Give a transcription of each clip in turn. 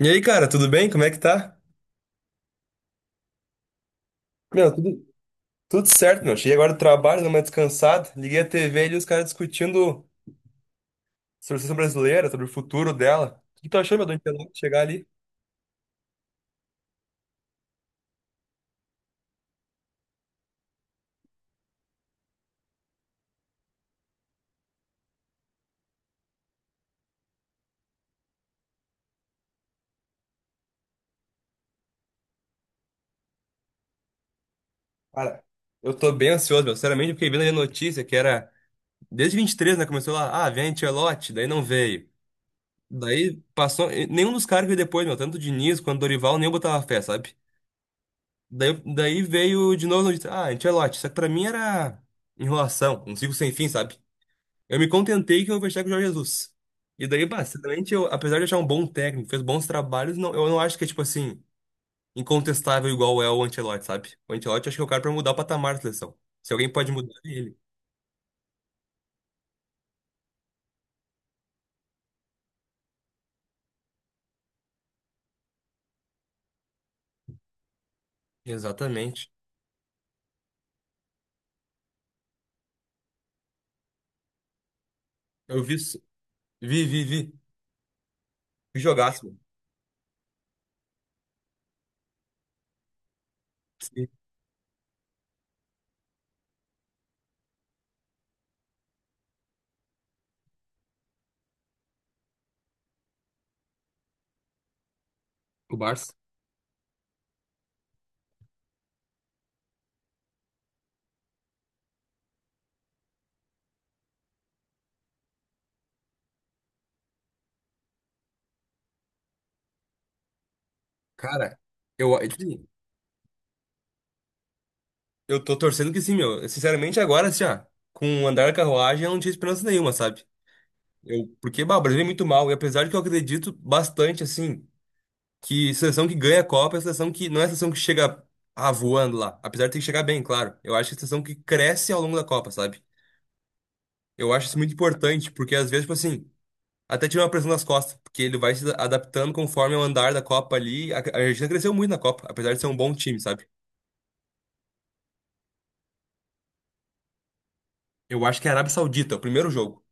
E aí, cara, tudo bem? Como é que tá? Meu, tudo certo, meu. Cheguei agora do trabalho, dei uma descansada. Liguei a TV ali, os caras discutindo sobre a seleção brasileira, sobre o futuro dela. O que tu achou, meu, do Ancelotti chegar ali? Cara, eu tô bem ansioso, meu. Sinceramente, eu fiquei vendo ali a notícia que era... Desde 23, né, começou lá, ah, vem Ancelotti, daí não veio. Daí passou... e nenhum dos caras veio depois, meu. Tanto o Diniz quanto o Dorival, nem eu botava fé, sabe? Daí veio de novo a notícia, ah, Ancelotti. Só que pra mim era enrolação, um ciclo sem fim, sabe? Eu me contentei que eu fechar com o Jorge Jesus. E daí, bah, sinceramente, eu, apesar de achar um bom técnico, fez bons trabalhos, não, eu não acho que é, tipo assim, incontestável igual é o Ancelotti, sabe? O Ancelotti acho que é o cara pra mudar o patamar da seleção. Se alguém pode mudar, é ele. Exatamente. Eu vivi, vi, vi. Vi jogaço, mano. Sim, o Barça. Cara, eu, é, tipo assim, eu tô torcendo que sim, meu. Sinceramente, agora, assim, ó, com o andar da carruagem, eu não tinha esperança nenhuma, sabe? Eu, porque, bah, o Brasil é muito mal, e apesar de que eu acredito bastante, assim. Que seleção que ganha a Copa é a seleção que não é a seleção que chega, ah, voando lá, apesar de ter que chegar bem, claro. Eu acho que é a seleção que cresce ao longo da Copa, sabe? Eu acho isso muito importante, porque às vezes, tipo assim, até tira uma pressão das costas, porque ele vai se adaptando conforme o andar da Copa ali. A Argentina cresceu muito na Copa, apesar de ser um bom time, sabe? Eu acho que é a Arábia Saudita, o primeiro jogo.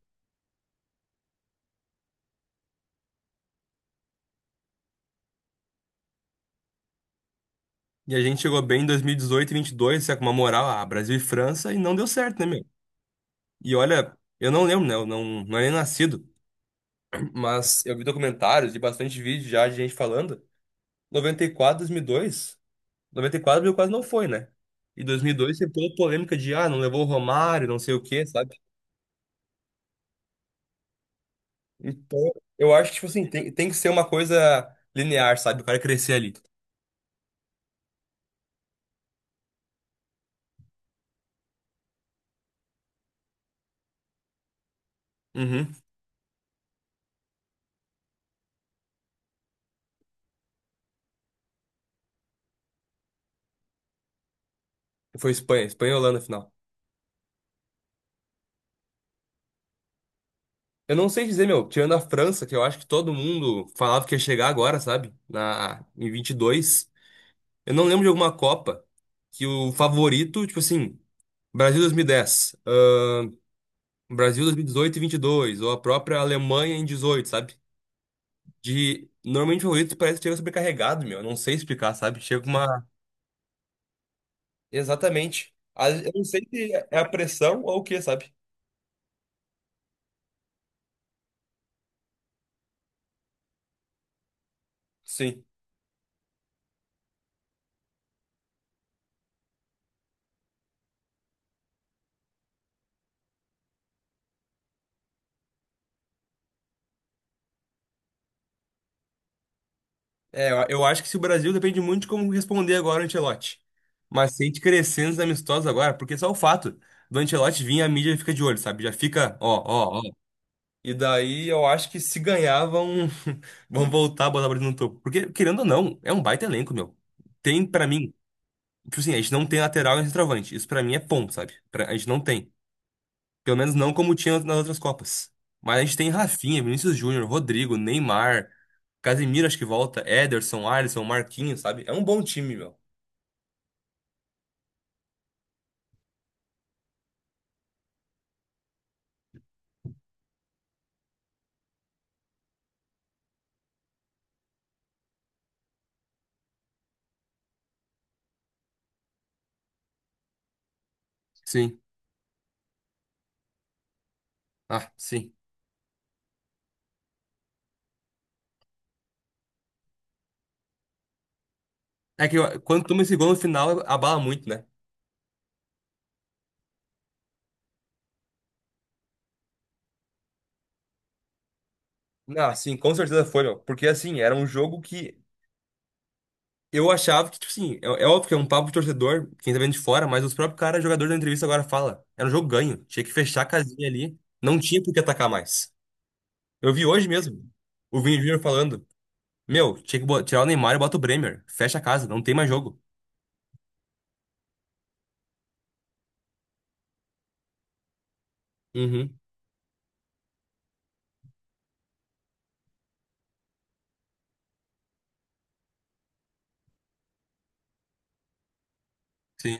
E a gente chegou bem em 2018 e 22, sabe, com uma moral, ah, Brasil e França, e não deu certo, né, meu? E olha, eu não lembro, né? Eu não era nem nascido, mas eu vi documentários e bastante vídeo já de gente falando. Noventa e quatro, 2002. 94 ele quase não foi, né? E 2002 teve toda a polêmica de, ah, não levou o Romário, não sei o quê, sabe? Então, eu acho que, tipo assim, tem que ser uma coisa linear, sabe? O cara crescer ali. Uhum. Foi Espanha, Espanha e Holanda final. Eu não sei dizer, meu, tirando a França, que eu acho que todo mundo falava que ia chegar agora, sabe? Na, em 22. Eu não lembro de alguma Copa que o favorito, tipo assim, Brasil 2010, Brasil 2018 e 18 e 22, ou a própria Alemanha em 18, sabe? De. Normalmente o Doritos parece que chega sobrecarregado, meu. Eu não sei explicar, sabe? Chega uma. Exatamente. A- eu não sei se é a pressão ou o que, sabe? Sim. É, eu acho que se o Brasil depende muito de como responder agora o Ancelotti. Mas se a gente crescer nos amistosos agora, porque só o fato do Ancelotti vir, a mídia fica de olho, sabe? Já fica, ó, ó, ó. E daí eu acho que se ganhar, vão, vão voltar a botar o Brasil no topo. Porque, querendo ou não, é um baita elenco, meu. Tem, pra mim. Tipo assim, a gente não tem lateral e centroavante. Isso pra mim é ponto, sabe? Pra- a gente não tem. Pelo menos não como tinha nas outras Copas. Mas a gente tem Rafinha, Vinícius Júnior, Rodrigo, Neymar, Casemiro, acho que volta, Ederson, Alisson, Marquinhos, sabe? É um bom time, meu. Sim. Ah, sim. É que ó, quando toma esse gol no final, abala muito, né? Ah, sim, com certeza foi, meu. Porque assim, era um jogo que eu achava que, tipo assim, é, é óbvio que é um papo de torcedor, quem tá vendo de fora, mas os próprios caras, jogadores da entrevista agora fala. Era um jogo ganho. Tinha que fechar a casinha ali. Não tinha por que atacar mais. Eu vi hoje mesmo o Vini Júnior falando: meu, tinha que tirar o Neymar e bota o Bremer. Fecha a casa, não tem mais jogo. Uhum. Sim.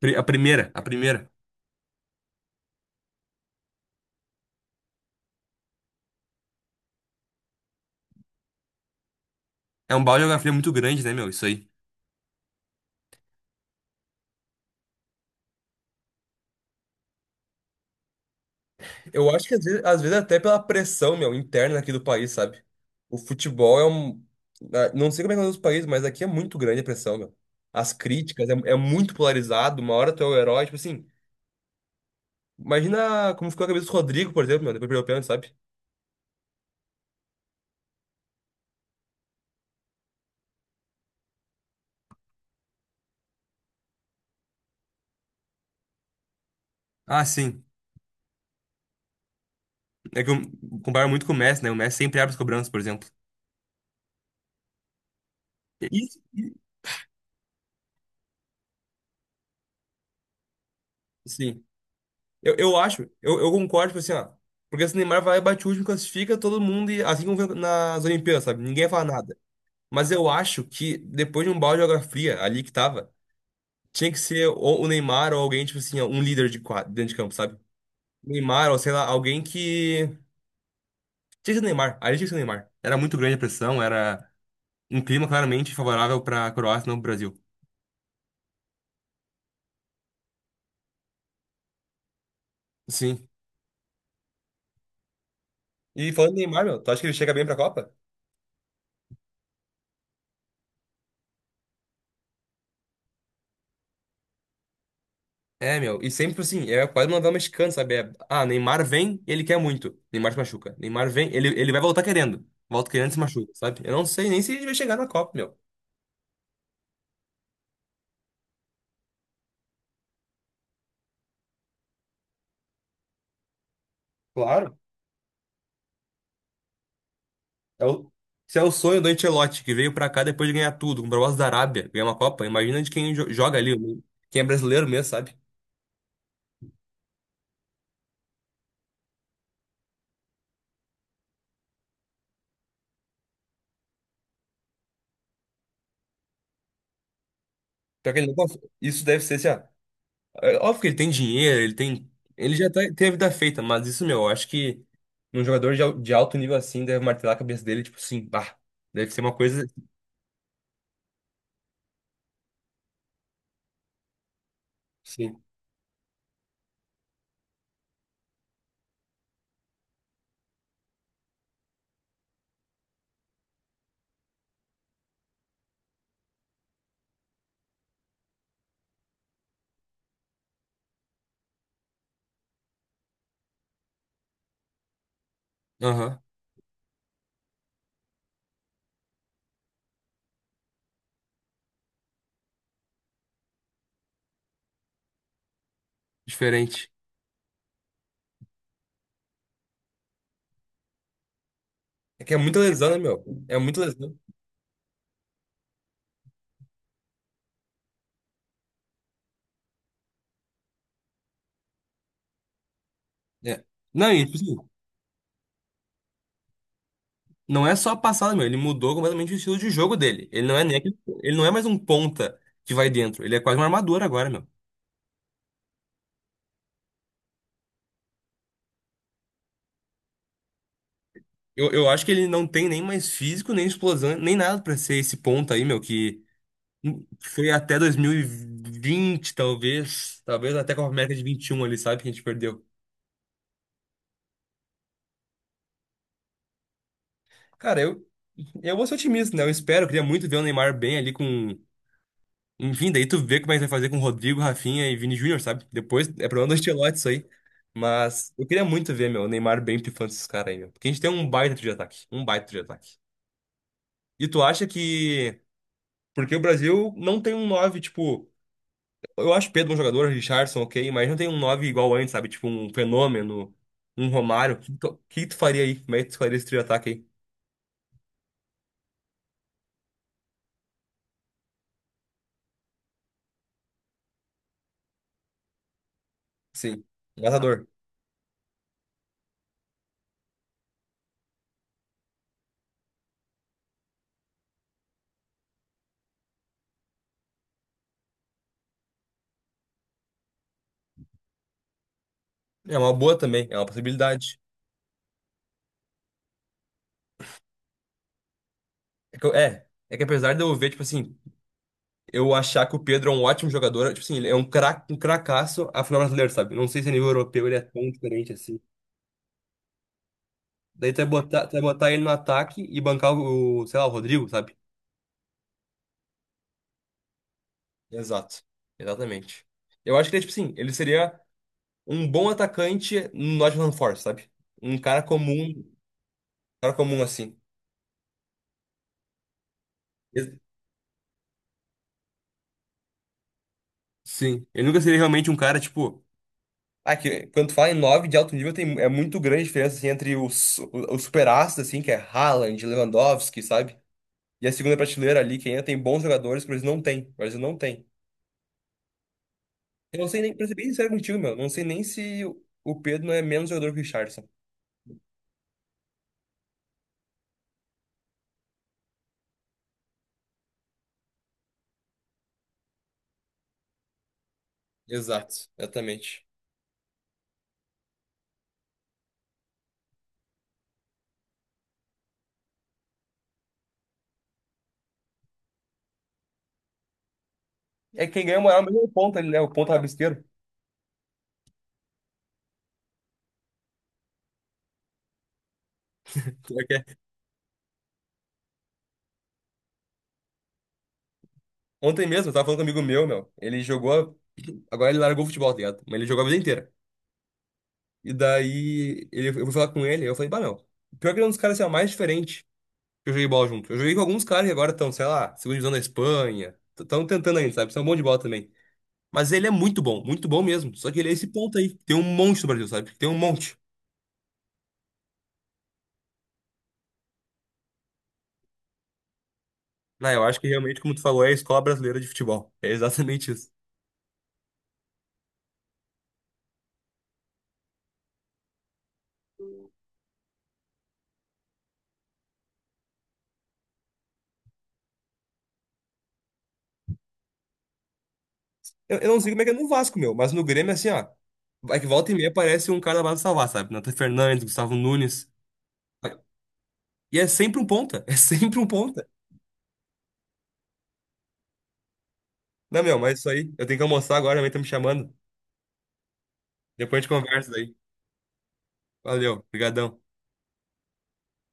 A primeira. É um balde de água fria muito grande, né, meu? Isso aí. Eu acho que às vezes até pela pressão, meu, interna aqui do país, sabe? O futebol é um. Ah, não sei como é que é nos outros países, mas aqui é muito grande a pressão, meu. As críticas é, é muito polarizado. Uma hora tu é o herói, tipo assim. Imagina como ficou a cabeça do Rodrigo, por exemplo, meu, depois perdeu o pênalti, sabe? Ah, sim. É que eu comparo muito com o Messi, né? O Messi sempre abre as cobranças, por exemplo. Isso, sim. Eu concordo, tipo assim, ó. Porque se o Neymar vai, bate o último, classifica todo mundo, e, assim como foi nas Olimpíadas, sabe? Ninguém fala nada. Mas eu acho que depois de um balde de água fria ali que tava, tinha que ser ou o Neymar ou alguém, tipo assim, ó, um líder de quadro, dentro de campo, sabe? O Neymar, ou sei lá, alguém que. Tinha que ser o Neymar, ali tinha que ser o Neymar. Era muito grande a pressão, era um clima claramente favorável pra Croácia, não pro Brasil. Sim. E falando em Neymar, meu, tu acha que ele chega bem pra Copa? É, meu, e sempre assim, é quase uma novela mexicana, sabe? É, ah, Neymar vem, ele quer muito. Neymar se machuca. Neymar vem, ele vai voltar querendo. Volta querendo e se machuca, sabe? Eu não sei nem se ele vai chegar na Copa, meu. Claro. É o, Se é o sonho do Ancelotti, que veio pra cá depois de ganhar tudo, com o propósito da Arábia, ganhar uma Copa, imagina de quem joga ali, quem é brasileiro mesmo, sabe? Pior que ele nunca- isso deve ser assim, ah, é óbvio que ele tem dinheiro, ele tem. Ele já tá- tem a vida feita, mas isso, meu, eu acho que um jogador de, al- de alto nível assim, deve martelar a cabeça dele, tipo assim, bah. Deve ser uma coisa. Sim. Aham. Diferente. É que é muita lesão, né, meu? É muita lesão. É. Não, e tipo assim, não é só a passada, meu. Ele mudou completamente o estilo de jogo dele. Ele não é nem aquele- ele não é mais um ponta que vai dentro. Ele é quase uma armadura agora, meu. Eu acho que ele não tem nem mais físico, nem explosão, nem nada pra ser esse ponta aí, meu, que foi até 2020 talvez. Talvez até com a Copa América de 21 ali, sabe? Que a gente perdeu. Cara, eu vou ser otimista, né? Eu espero, eu queria muito ver o Neymar bem ali com. Enfim, daí tu vê como é que vai fazer com Rodrigo, Rafinha e Vini Júnior, sabe? Depois é problema do Ancelotti isso aí. Mas eu queria muito ver, meu, o Neymar bem pifando esses caras aí, meu. Porque a gente tem um baita de ataque. Um baita de ataque. E tu acha que. Porque o Brasil não tem um 9 tipo. Eu acho Pedro um jogador, Richarlison, ok, mas não tem um 9 igual antes, sabe? Tipo, um Fenômeno, um Romário. O que tu faria aí? Como é que tu faria esse trio de ataque aí? Sim. Um matador. É uma boa também, é uma possibilidade. É, que é que apesar de eu ver, tipo assim. Eu achar que o Pedro é um ótimo jogador. Tipo assim, ele é um craque, um cracaço a final brasileiro, sabe? Não sei se a nível europeu ele é tão diferente assim. Daí tu vai botar ele no ataque e bancar o, sei lá, o Rodrigo, sabe? Exato. Exatamente. Eu acho que ele, é, tipo assim, ele seria um bom atacante no Nottingham Forest, sabe? Um cara comum assim. Ex- sim. Ele nunca seria realmente um cara, tipo. Ah, que quando tu fala em nove de alto nível, tem, é muito grande a diferença assim, entre os super-astros, assim, que é Haaland, Lewandowski, sabe? E a segunda prateleira ali, que ainda tem bons jogadores, que o Brasil não tem. O Brasil não tem. Eu não sei nem, pra ser bem sincero contigo, meu, não sei nem se o Pedro não é menos jogador que o Richarlison. Exato. Exatamente. É quem ganha moral mesmo é o ponto ali, né? O ponto rabisqueiro. Pior que é. Ontem mesmo, eu tava falando com um amigo meu, meu. Ele jogou. Agora ele largou o futebol, tá ligado? Mas ele jogou a vida inteira. E daí ele, eu fui falar com ele, eu falei, bah, meu. Pior que ele é um dos caras assim, ó, mais diferente que eu joguei bola junto. Eu joguei com alguns caras que agora estão, sei lá, segunda divisão da Espanha. Estão tentando ainda, sabe? São bons de bola também. Mas ele é muito bom mesmo. Só que ele é esse ponto aí. Tem um monte no Brasil, sabe? Tem um monte. Não, eu acho que realmente, como tu falou, é a escola brasileira de futebol. É exatamente isso. Eu não sei como é que é no Vasco, meu, mas no Grêmio, assim, ó. Vai que volta e meia aparece um cara da base salvar, sabe? Nathan Fernandes, Gustavo Nunes. E é sempre um ponta. É sempre um ponta. Não, meu, mas isso aí. Eu tenho que almoçar agora, a mãe tá me chamando. Depois a gente conversa daí. Valeu, brigadão.